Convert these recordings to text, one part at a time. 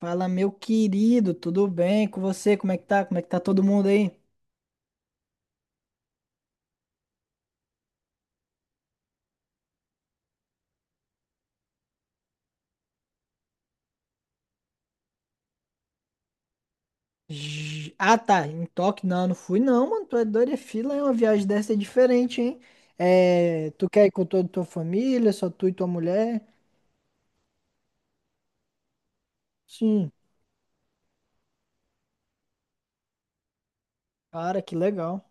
Fala, meu querido, tudo bem com você? Como é que tá? Como é que tá todo mundo aí? Ah, tá, em Tóquio não, não fui não, mano, tu é doido, é fila, é uma viagem dessa é diferente, hein? É, tu quer ir com toda a tua família, só tu e tua mulher? Sim. Cara, que legal.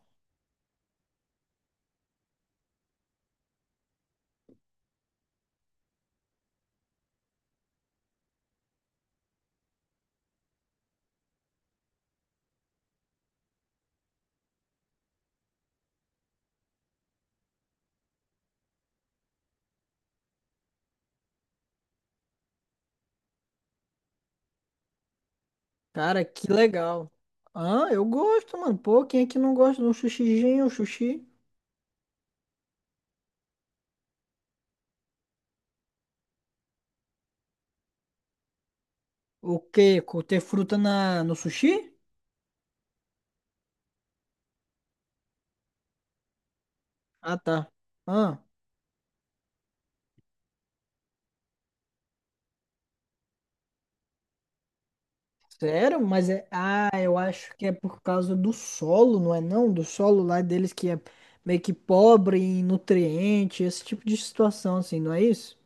Cara, que legal. Ah, eu gosto, mano, pô, quem é que não gosta de um sushizinho, um sushi? O quê? Ter fruta na, no sushi? Ah, tá. Ah. Sério? Mas é. Ah, eu acho que é por causa do solo, não é não? Do solo lá deles que é meio que pobre em nutriente, esse tipo de situação, assim, não é isso?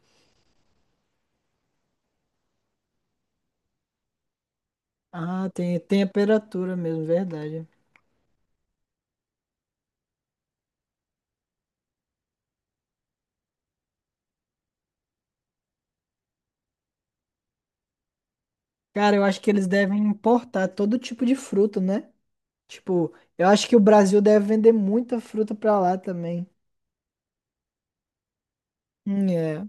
Ah, tem, tem a temperatura mesmo, verdade. Cara, eu acho que eles devem importar todo tipo de fruta, né? Tipo, eu acho que o Brasil deve vender muita fruta pra lá também. É.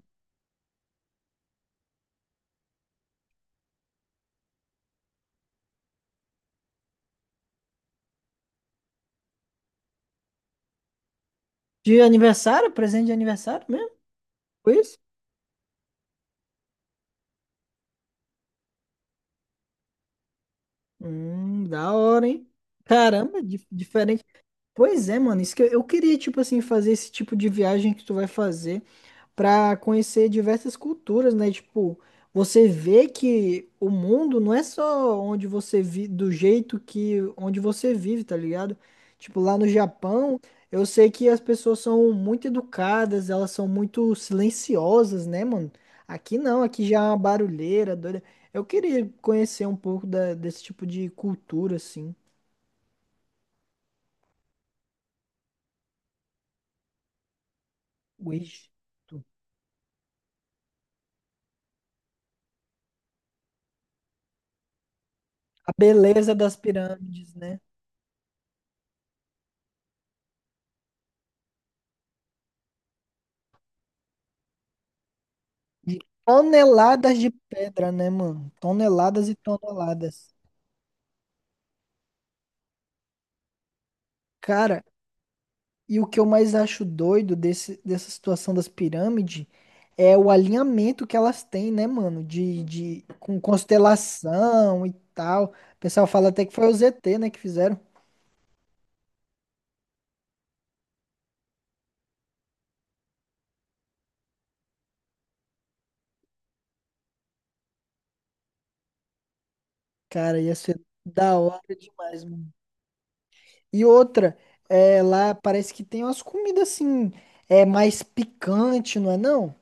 De aniversário? Presente de aniversário mesmo? Foi isso? Da hora, hein? Caramba, diferente. Pois é, mano, isso que eu queria, tipo assim, fazer esse tipo de viagem que tu vai fazer pra conhecer diversas culturas, né? Tipo, você vê que o mundo não é só onde você vive, do jeito que onde você vive, tá ligado? Tipo, lá no Japão, eu sei que as pessoas são muito educadas, elas são muito silenciosas, né, mano? Aqui não, aqui já é uma barulheira, doida. Eu queria conhecer um pouco desse tipo de cultura, assim. Uixe. A beleza das pirâmides, né? De toneladas de pedra, né, mano? Toneladas e toneladas. Cara, e o que eu mais acho doido dessa situação das pirâmides é o alinhamento que elas têm, né, mano? Com constelação e tal. O pessoal fala até que foi o ZT, né, que fizeram. Cara, ia ser da hora demais, mano. E outra, é, lá parece que tem umas comidas assim, é mais picante, não é não?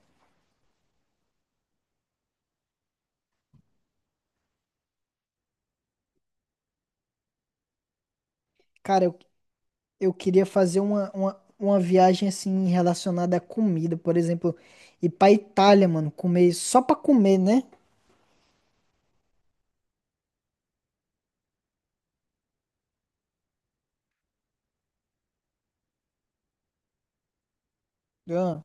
Cara, eu queria fazer uma viagem assim relacionada à comida, por exemplo, ir pra Itália, mano, comer só pra comer, né? Ah,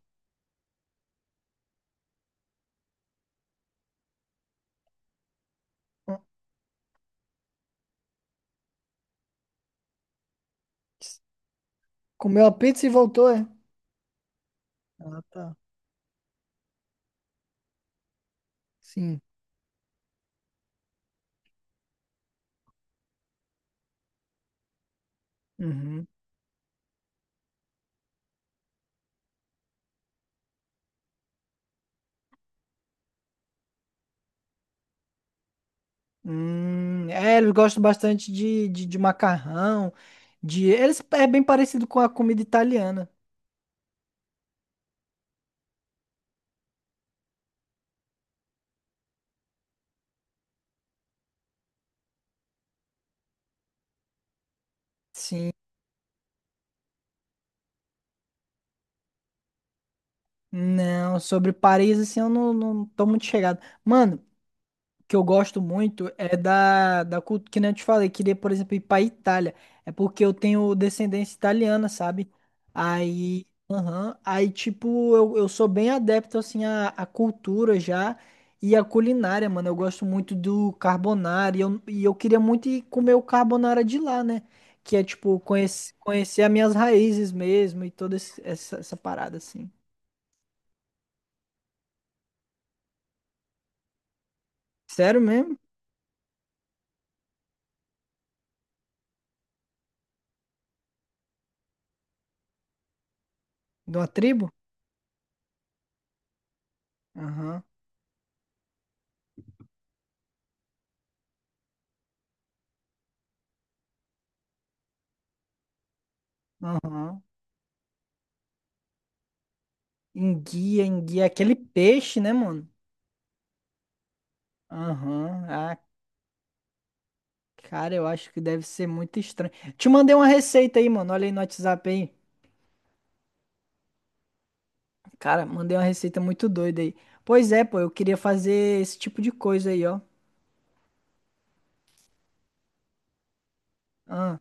ah, Comeu a pizza e voltou, é? Ah, tá. Sim. Uhum. É, eles gostam bastante de macarrão, de... Eles, é bem parecido com a comida italiana. Sim. Não, sobre Paris, assim, eu não, não tô muito chegado. Mano, que eu gosto muito é da cultura, que nem eu te falei, queria, por exemplo, ir pra Itália. É porque eu tenho descendência italiana, sabe? Aí, aham, aí tipo, eu sou bem adepto, assim, à cultura já e à culinária, mano. Eu gosto muito do carbonara e eu queria muito ir comer o carbonara de lá, né? Que é, tipo, conhecer as minhas raízes mesmo e toda essa, essa parada, assim. Sério mesmo? De uma tribo? Aham, aham. Enguia, enguia, aquele peixe, né, mano? Aham. Ah, cara, eu acho que deve ser muito estranho. Te mandei uma receita aí, mano. Olha aí no WhatsApp aí. Cara, mandei uma receita muito doida aí. Pois é, pô, eu queria fazer esse tipo de coisa aí, ó. Ah,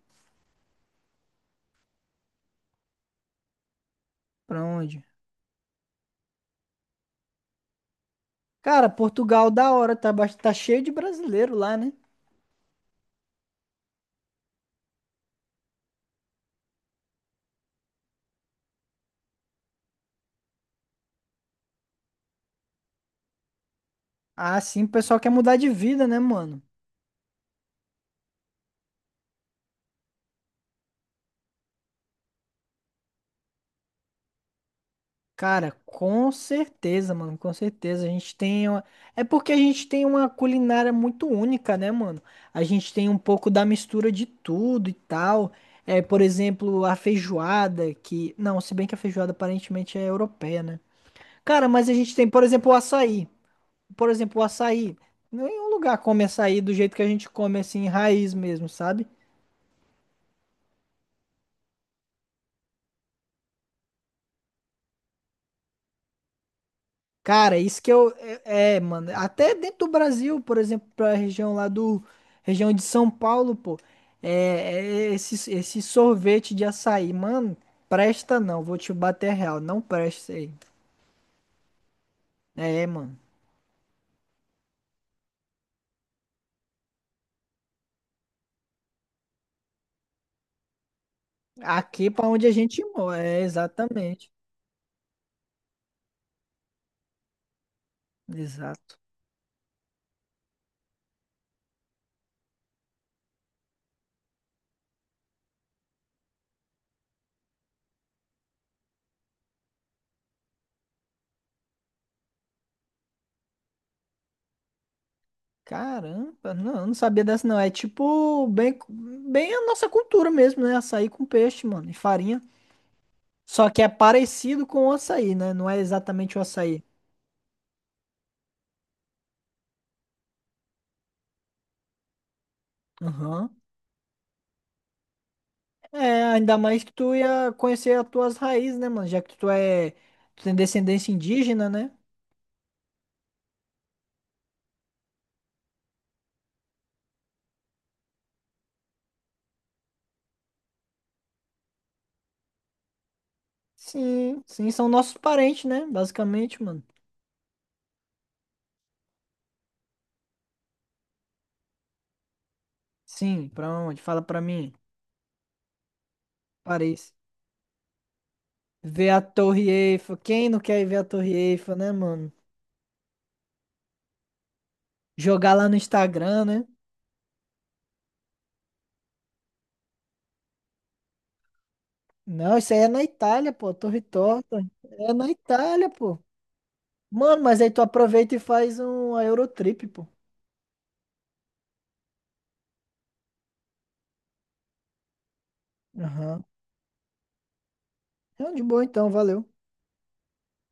pra onde? Cara, Portugal, da hora, tá, tá cheio de brasileiro lá, né? Ah, sim, o pessoal quer mudar de vida, né, mano? Cara, com certeza, mano, com certeza. A gente tem uma... É porque a gente tem uma culinária muito única, né, mano? A gente tem um pouco da mistura de tudo e tal. É, por exemplo, a feijoada, que... Não, se bem que a feijoada aparentemente é europeia, né? Cara, mas a gente tem, por exemplo, o açaí. Por exemplo, o açaí. Nenhum lugar come açaí do jeito que a gente come, assim, raiz mesmo, sabe? Cara, isso que eu. É, é, mano. Até dentro do Brasil, por exemplo, pra região lá do. Região de São Paulo, pô. É, é esse, esse sorvete de açaí, mano. Presta não, vou te bater real. Não presta isso aí. É, mano. Aqui pra onde a gente mora. É, exatamente. Exato. Caramba, não, eu não sabia dessa não. É tipo bem, bem a nossa cultura mesmo, né? Açaí com peixe, mano, e farinha. Só que é parecido com o açaí, né? Não é exatamente o açaí. Aham. É, ainda mais que tu ia conhecer as tuas raízes, né, mano? Já que tu é, tu tem descendência indígena, né? Sim, sim, são nossos parentes, né? Basicamente, mano. Sim, pra onde? Fala pra mim. Paris. Ver a Torre Eiffel. Quem não quer ir ver a Torre Eiffel, né, mano? Jogar lá no Instagram, né? Não, isso aí é na Itália, pô. Torre Torta. É na Itália, pô. Mano, mas aí tu aproveita e faz uma Eurotrip, pô. Aham. É de boa então, valeu.